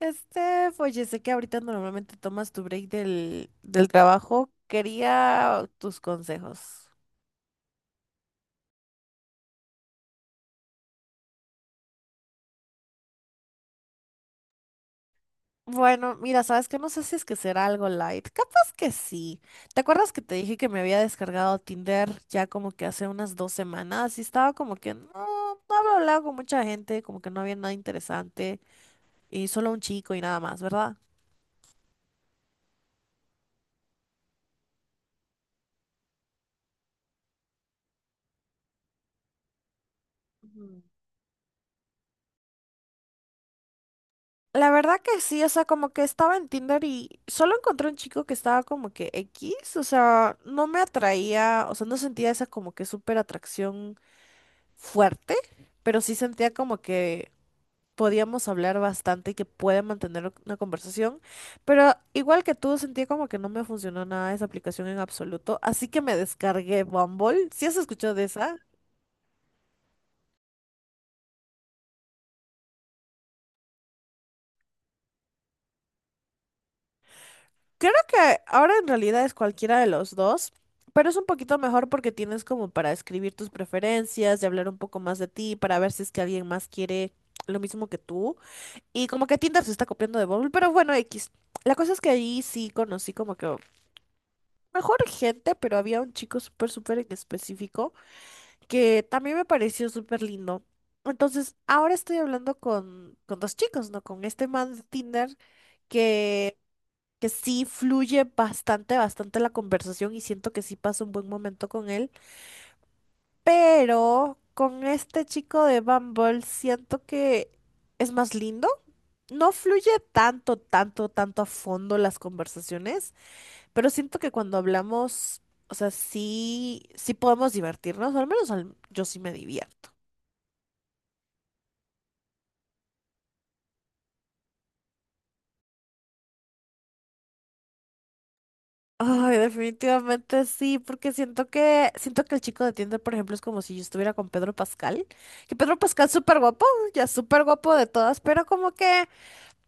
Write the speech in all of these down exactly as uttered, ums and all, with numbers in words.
Este, oye, sé que ahorita normalmente tomas tu break del, del trabajo. Quería tus consejos. Bueno, mira, sabes que no sé si es que será algo light. Capaz que sí. ¿Te acuerdas que te dije que me había descargado Tinder ya como que hace unas dos semanas? Y estaba como que no, no había hablado con mucha gente, como que no había nada interesante. Y solo un chico y nada más, ¿verdad? Ujú. La verdad que sí, o sea, como que estaba en Tinder y solo encontré un chico que estaba como que X, o sea, no me atraía, o sea, no sentía esa como que súper atracción fuerte, pero sí sentía como que podíamos hablar bastante y que puede mantener una conversación, pero igual que tú, sentía como que no me funcionó nada esa aplicación en absoluto, así que me descargué Bumble. ¿Sí has escuchado de esa? Creo que ahora en realidad es cualquiera de los dos, pero es un poquito mejor porque tienes como para escribir tus preferencias y hablar un poco más de ti, para ver si es que alguien más quiere lo mismo que tú. Y como que Tinder se está copiando de Bumble, pero bueno, X. La cosa es que ahí sí conocí como que mejor gente, pero había un chico súper, súper en específico que también me pareció súper lindo. Entonces, ahora estoy hablando con, con dos chicos, ¿no? Con este man de Tinder. que que sí fluye bastante, bastante la conversación y siento que sí paso un buen momento con él, pero con este chico de Bumble siento que es más lindo. No fluye tanto, tanto, tanto a fondo las conversaciones, pero siento que cuando hablamos, o sea, sí, sí podemos divertirnos, o al menos al- yo sí me divierto. Ay, definitivamente sí, porque siento que, siento que el chico de Tinder, por ejemplo, es como si yo estuviera con Pedro Pascal, que Pedro Pascal es súper guapo, ya súper guapo de todas, pero como que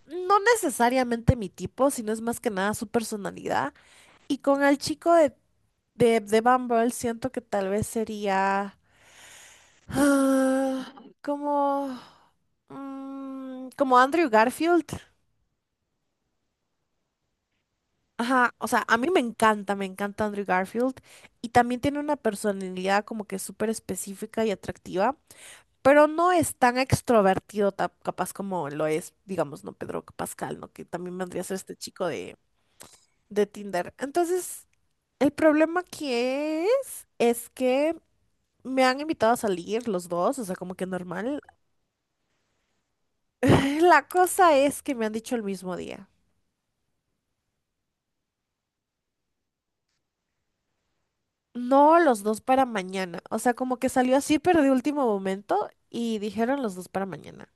no necesariamente mi tipo, sino es más que nada su personalidad. Y con el chico de, de, de Bumble siento que tal vez sería ah, como, mm, como Andrew Garfield. Ajá, o sea, a mí me encanta, me encanta Andrew Garfield y también tiene una personalidad como que súper específica y atractiva, pero no es tan extrovertido ta- capaz como lo es, digamos, no Pedro Pascal, ¿no? Que también vendría a ser este chico de, de Tinder. Entonces, el problema que es es que me han invitado a salir los dos, o sea, como que normal. La cosa es que me han dicho el mismo día. No, los dos para mañana. O sea, como que salió así, pero de último momento y dijeron los dos para mañana.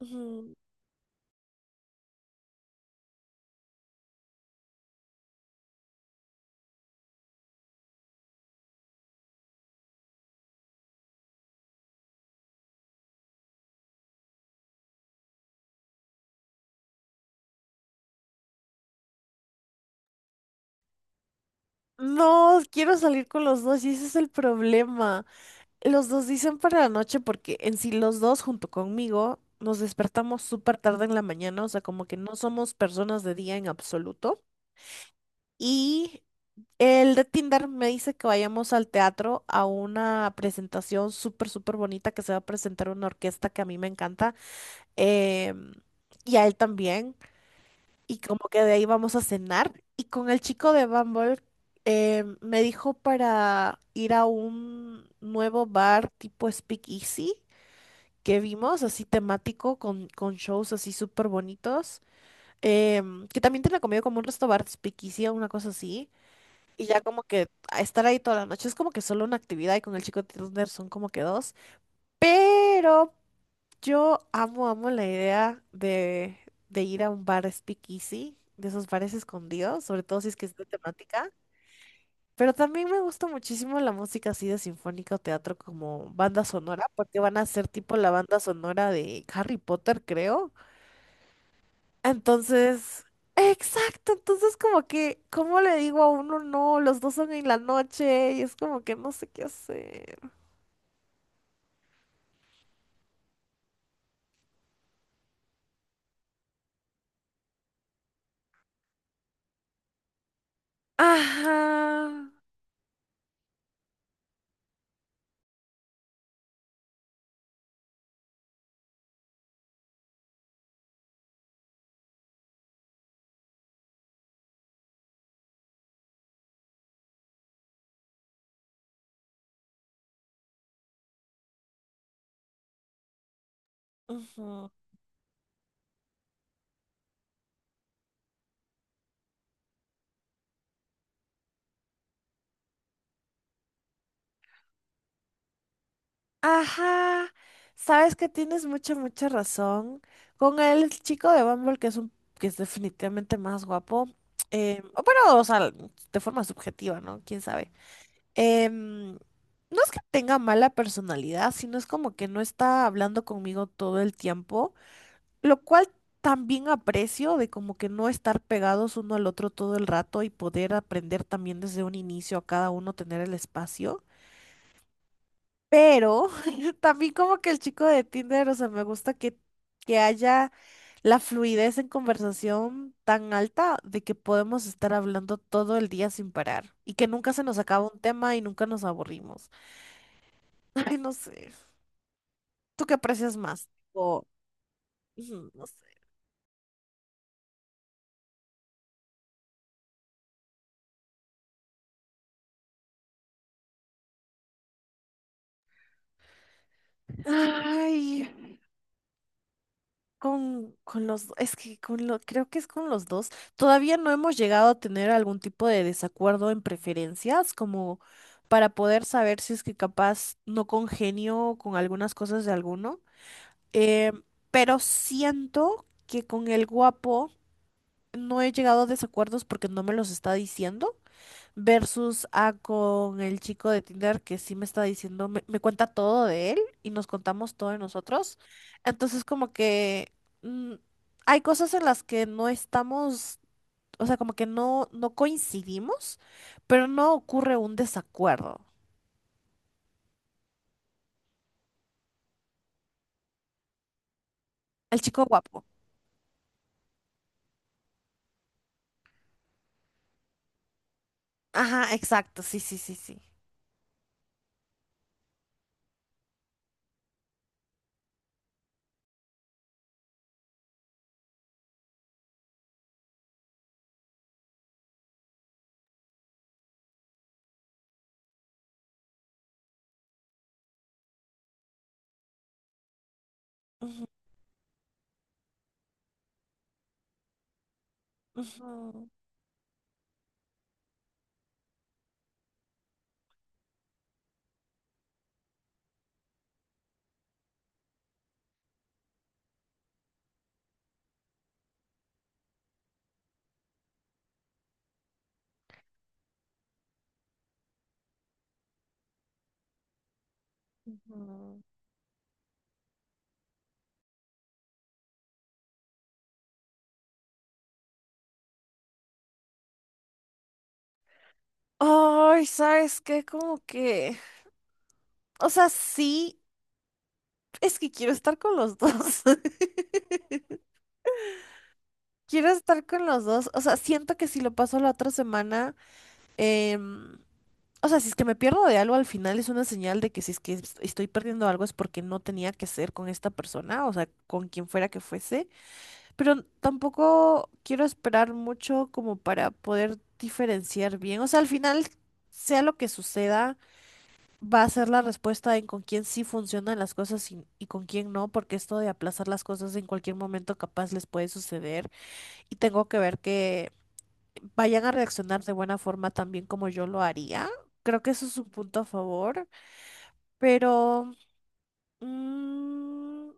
Ujú. No, quiero salir con los dos y ese es el problema. Los dos dicen para la noche porque en sí los dos junto conmigo nos despertamos súper tarde en la mañana, o sea, como que no somos personas de día en absoluto. Y el de Tinder me dice que vayamos al teatro a una presentación súper, súper bonita que se va a presentar una orquesta que a mí me encanta. em, y a él también, y como que de ahí vamos a cenar. Y con el chico de Bumble em, me dijo para ir a un nuevo bar tipo Speakeasy que vimos, así temático, con, con shows así súper bonitos, em, que también tiene comida como un resto bar Speakeasy o una cosa así. Y ya como que a estar ahí toda la noche es como que solo una actividad y con el chico de Tinder son como que dos. Pero yo amo, amo la idea de, de ir a un bar speakeasy, de esos bares escondidos, sobre todo si es que es de temática. Pero también me gusta muchísimo la música así de sinfónica o teatro como banda sonora, porque van a ser tipo la banda sonora de Harry Potter, creo. Entonces, exacto, entonces como que, ¿cómo le digo a uno no? Los dos son en la noche y es como que no sé qué hacer. Ajá. Ujú. Ajá, sabes que tienes mucha, mucha razón. Con el chico de Bumble, que es un, que es definitivamente más guapo. Eh, o bueno, o sea, de forma subjetiva, ¿no? ¿Quién sabe? Em, no es que tenga mala personalidad, sino es como que no está hablando conmigo todo el tiempo, lo cual también aprecio de como que no estar pegados uno al otro todo el rato y poder aprender también desde un inicio a cada uno tener el espacio. Pero también como que el chico de Tinder, o sea, me gusta que, que haya la fluidez en conversación tan alta de que podemos estar hablando todo el día sin parar y que nunca se nos acaba un tema y nunca nos aburrimos. Ay, no sé. ¿Tú qué aprecias más? O, ujú, no sé. Ay, Con, con los, es que con lo, creo que es con los dos. Todavía no hemos llegado a tener algún tipo de desacuerdo en preferencias, como para poder saber si es que capaz no congenio con algunas cosas de alguno. Eh, pero siento que con el guapo no he llegado a desacuerdos porque no me los está diciendo. Versus a con el chico de Tinder que sí me está diciendo, me, me cuenta todo de él y nos contamos todo de nosotros. Entonces como que mm, hay cosas en las que no estamos, o sea, como que no, no coincidimos, pero no ocurre un desacuerdo. El chico guapo. Ajá, exacto, sí, sí, sí, sí. Ujú, ujú, ujú. Ay, ¿sabes qué? Como que, o sea, sí, es que quiero estar con los dos. Quiero estar con los dos. O sea, siento que si lo paso la otra semana, em, o sea, si es que me pierdo de algo al final es una señal de que si es que es- estoy perdiendo algo es porque no tenía que ser con esta persona, o sea, con quien fuera que fuese. Pero tampoco quiero esperar mucho como para poder diferenciar bien. O sea, al final, sea lo que suceda, va a ser la respuesta en con quién sí funcionan las cosas y, y con quién no, porque esto de aplazar las cosas en cualquier momento capaz les puede suceder y tengo que ver que vayan a reaccionar de buena forma también como yo lo haría. Creo que eso es un punto a favor, pero mm,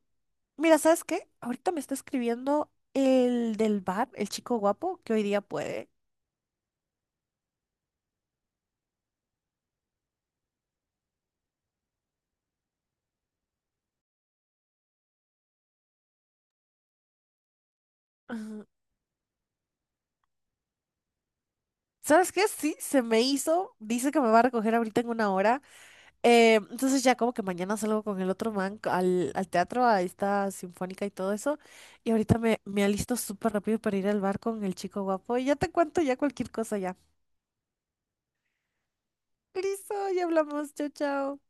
mira, ¿sabes qué? Ahorita me está escribiendo el del bar, el chico guapo, que hoy día puede. Ajá. ¿Sabes qué? Sí, se me hizo. Dice que me va a recoger ahorita en una hora. Eh, entonces ya como que mañana salgo con el otro man c- al, al teatro, a esta sinfónica y todo eso. Y ahorita me, me alisto súper rápido para ir al bar con el chico guapo. Y ya te cuento ya cualquier cosa ya. Listo, ya hablamos. Chao, chao.